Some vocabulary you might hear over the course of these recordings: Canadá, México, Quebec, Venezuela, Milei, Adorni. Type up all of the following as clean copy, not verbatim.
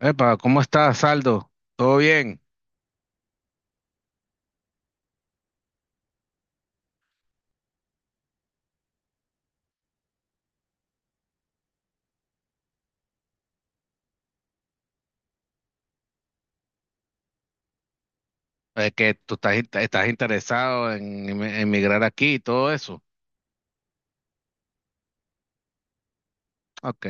Epa, ¿cómo estás, Saldo? ¿Todo bien? Es que estás interesado en emigrar aquí y todo eso. Ok,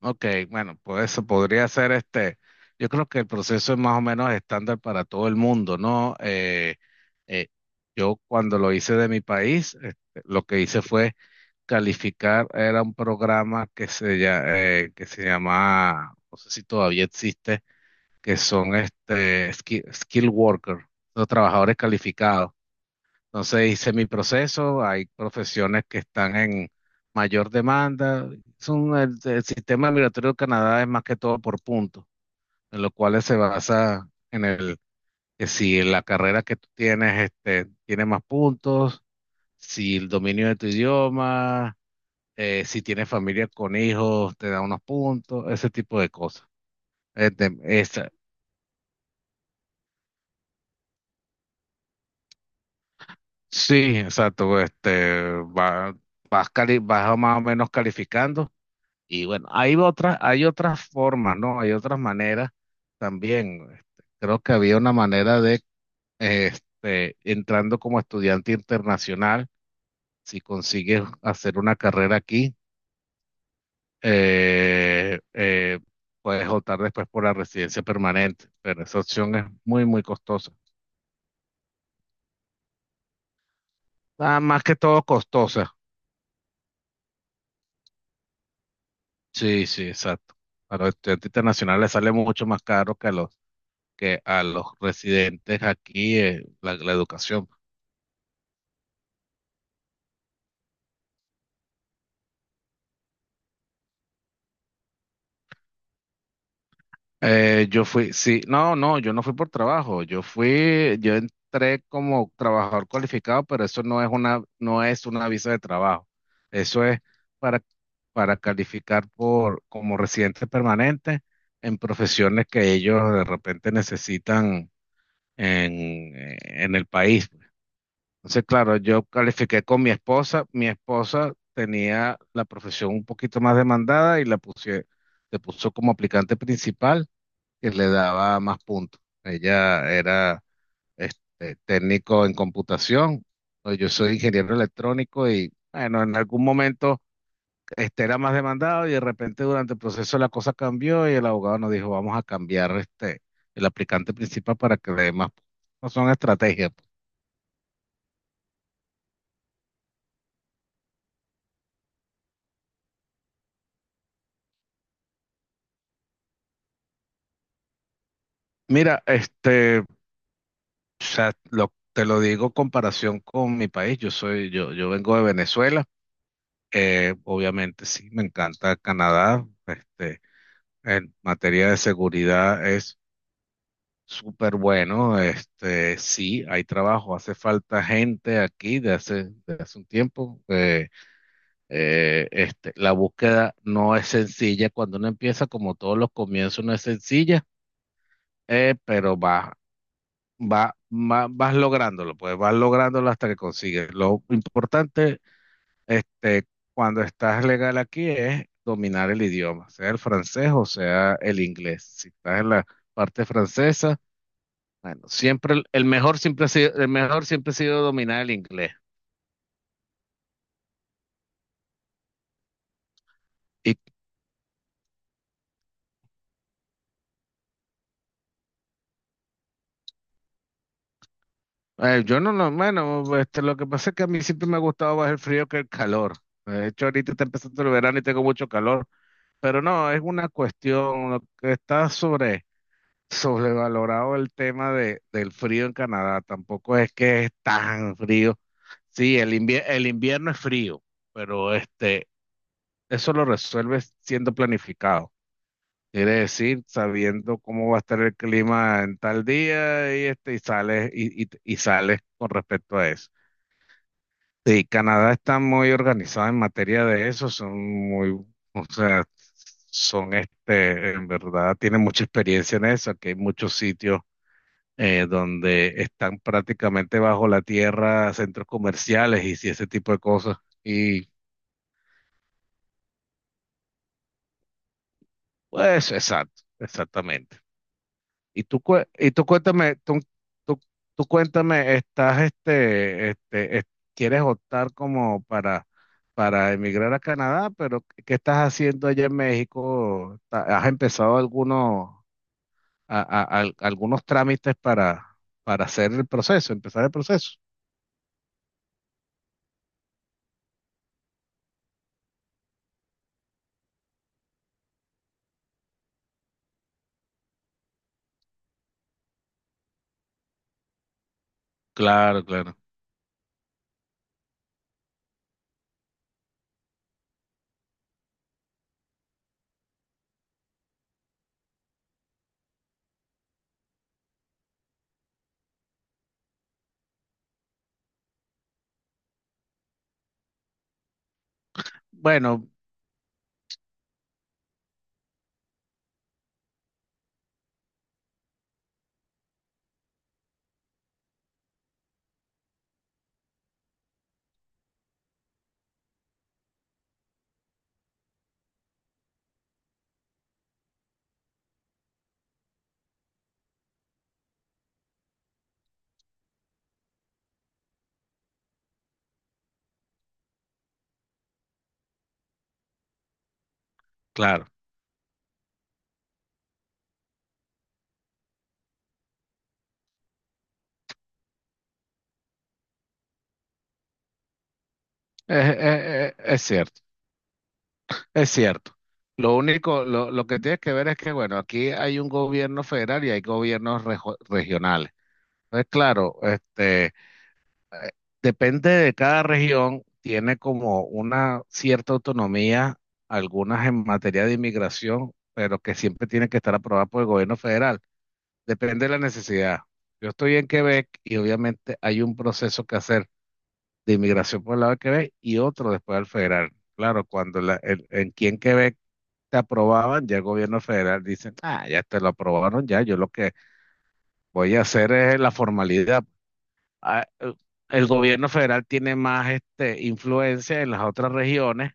ok, bueno, pues eso podría ser Yo creo que el proceso es más o menos estándar para todo el mundo, ¿no? Eh, yo cuando lo hice de mi país, lo que hice fue calificar. Era un programa que que se llamaba, no sé si todavía existe, que son este, skill worker, los trabajadores calificados. Entonces hice mi proceso. Hay profesiones que están en mayor demanda. El sistema migratorio de Canadá es más que todo por puntos, en lo cual se basa en el que, si la carrera que tú tienes tiene más puntos, si el dominio de tu idioma, si tienes familia con hijos, te da unos puntos, ese tipo de cosas. Este, esa- Sí, exacto. Este, va- vas, vas más o menos calificando. Y bueno, hay otras formas, ¿no? Hay otras maneras también. Creo que había una manera de, entrando como estudiante internacional, si consigues hacer una carrera aquí, eh, eh, puedes optar después por la residencia permanente. Pero esa opción es muy, muy costosa. Nada más que todo costosa. Sí, sí, exacto. A los estudiantes internacionales les sale mucho más caro que a que a los residentes aquí la, la educación. Yo fui, sí, no, no, yo no fui por trabajo. Yo fui, yo entré como trabajador cualificado, pero eso no es una, no es una visa de trabajo. Eso es para, para calificar por, como residente permanente en profesiones que ellos de repente necesitan en, en el país. Entonces, claro, yo califiqué con mi esposa. Mi esposa tenía la profesión un poquito más demandada y la puse, le puso como aplicante principal, que le daba más puntos. Ella era técnico en computación. ¿No? Yo soy ingeniero electrónico y, bueno, en algún momento este era más demandado y de repente durante el proceso la cosa cambió y el abogado nos dijo, vamos a cambiar el aplicante principal para que le dé más puntos. No son estrategias. Mira, O sea, te lo digo en comparación con mi país. Yo soy, yo vengo de Venezuela. Obviamente sí, me encanta Canadá. En materia de seguridad es súper bueno. Este, sí, hay trabajo. Hace falta gente aquí de hace un tiempo. La búsqueda no es sencilla. Cuando uno empieza, como todos los comienzos, no es sencilla. Pero va, va, vas lográndolo, pues vas lográndolo hasta que consigues. Lo importante, este, cuando estás legal aquí es dominar el idioma, sea el francés o sea el inglés. Si estás en la parte francesa, bueno, siempre el mejor siempre ha sido, el mejor siempre ha sido dominar el inglés. Y yo no, lo bueno, lo que pasa es que a mí siempre me ha gustado más el frío que el calor. De hecho, ahorita está empezando el verano y tengo mucho calor, pero no, es una cuestión, lo que está sobrevalorado el tema de, del frío en Canadá. Tampoco es que es tan frío. Sí, el el invierno es frío, pero eso lo resuelves siendo planificado. Quiere decir, sabiendo cómo va a estar el clima en tal día y y sales, y sales con respecto a eso. Sí, Canadá está muy organizado en materia de eso. Son muy, o sea, son en verdad, tienen mucha experiencia en eso. Aquí hay muchos sitios donde están prácticamente bajo la tierra centros comerciales y si ese tipo de cosas. Y pues, exacto, exactamente. Y tú, y tú cuéntame, tú, tú cuéntame, estás, quieres optar como para emigrar a Canadá, pero ¿qué estás haciendo allá en México? ¿Has empezado algunos, algunos trámites para hacer el proceso, empezar el proceso? Claro, claro. Bueno, claro. Es cierto, es cierto. Lo único, lo que tienes que ver es que, bueno, aquí hay un gobierno federal y hay gobiernos regionales. Entonces, claro, depende de cada región, tiene como una cierta autonomía, algunas en materia de inmigración, pero que siempre tienen que estar aprobadas por el gobierno federal. Depende de la necesidad. Yo estoy en Quebec y obviamente hay un proceso que hacer de inmigración por el lado de Quebec y otro después al federal. Claro, cuando en aquí en Quebec te aprobaban, ya el gobierno federal dicen, ah, ya te lo aprobaron, ya, yo lo que voy a hacer es la formalidad. Ah, eh, el gobierno federal tiene más influencia en las otras regiones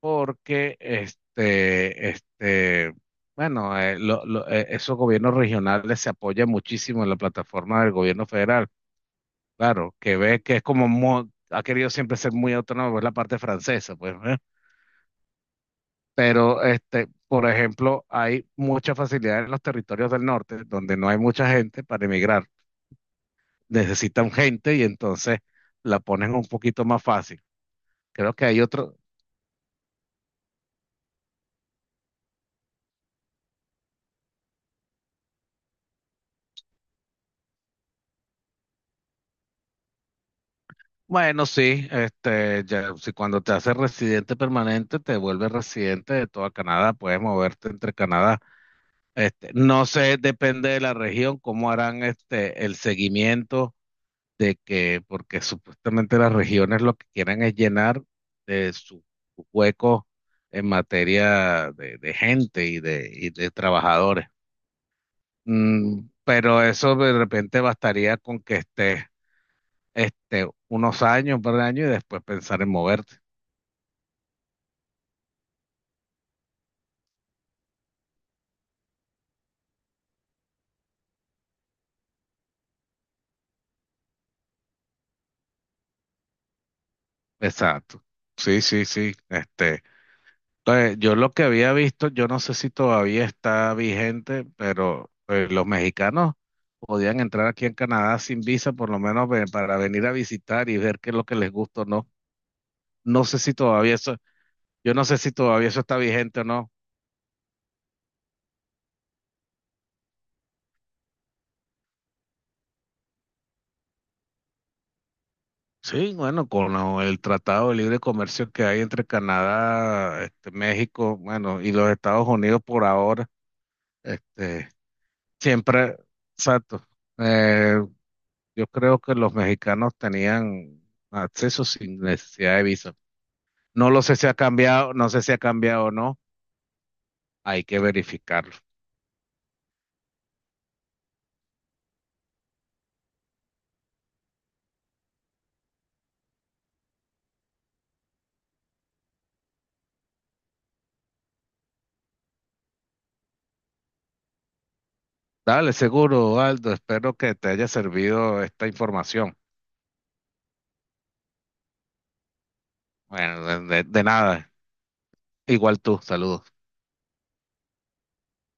porque bueno, esos gobiernos regionales se apoyan muchísimo en la plataforma del gobierno federal. Claro, que ve que es como ha querido siempre ser muy autónomo, es la parte francesa, pues, ¿eh? Pero, por ejemplo, hay mucha facilidad en los territorios del norte, donde no hay mucha gente para emigrar. Necesitan gente y entonces la ponen un poquito más fácil. Creo que hay otro, bueno, sí, este, ya, si cuando te haces residente permanente, te vuelves residente de toda Canadá, puedes moverte entre Canadá. No sé, depende de la región, cómo harán el seguimiento de que, porque supuestamente las regiones lo que quieren es llenar de sus huecos en materia de gente y de trabajadores. Mm, pero eso de repente bastaría con que estés unos años, un par de años y después pensar en moverte. Exacto. Sí, sí, sí. Este. Yo lo que había visto, yo no sé si todavía está vigente, pero los mexicanos podían entrar aquí en Canadá sin visa, por lo menos para venir a visitar y ver qué es lo que les gusta o no. No sé si todavía yo no sé si todavía eso está vigente o no. Sí, bueno, con el Tratado de Libre Comercio que hay entre Canadá, este, México, bueno, y los Estados Unidos por ahora, este, siempre, exacto. eh, Yo creo que los mexicanos tenían acceso sin necesidad de visa. No lo sé si ha cambiado, no sé si ha cambiado o no. Hay que verificarlo. Dale, seguro, Aldo. Espero que te haya servido esta información. Bueno, de nada. Igual tú, saludos.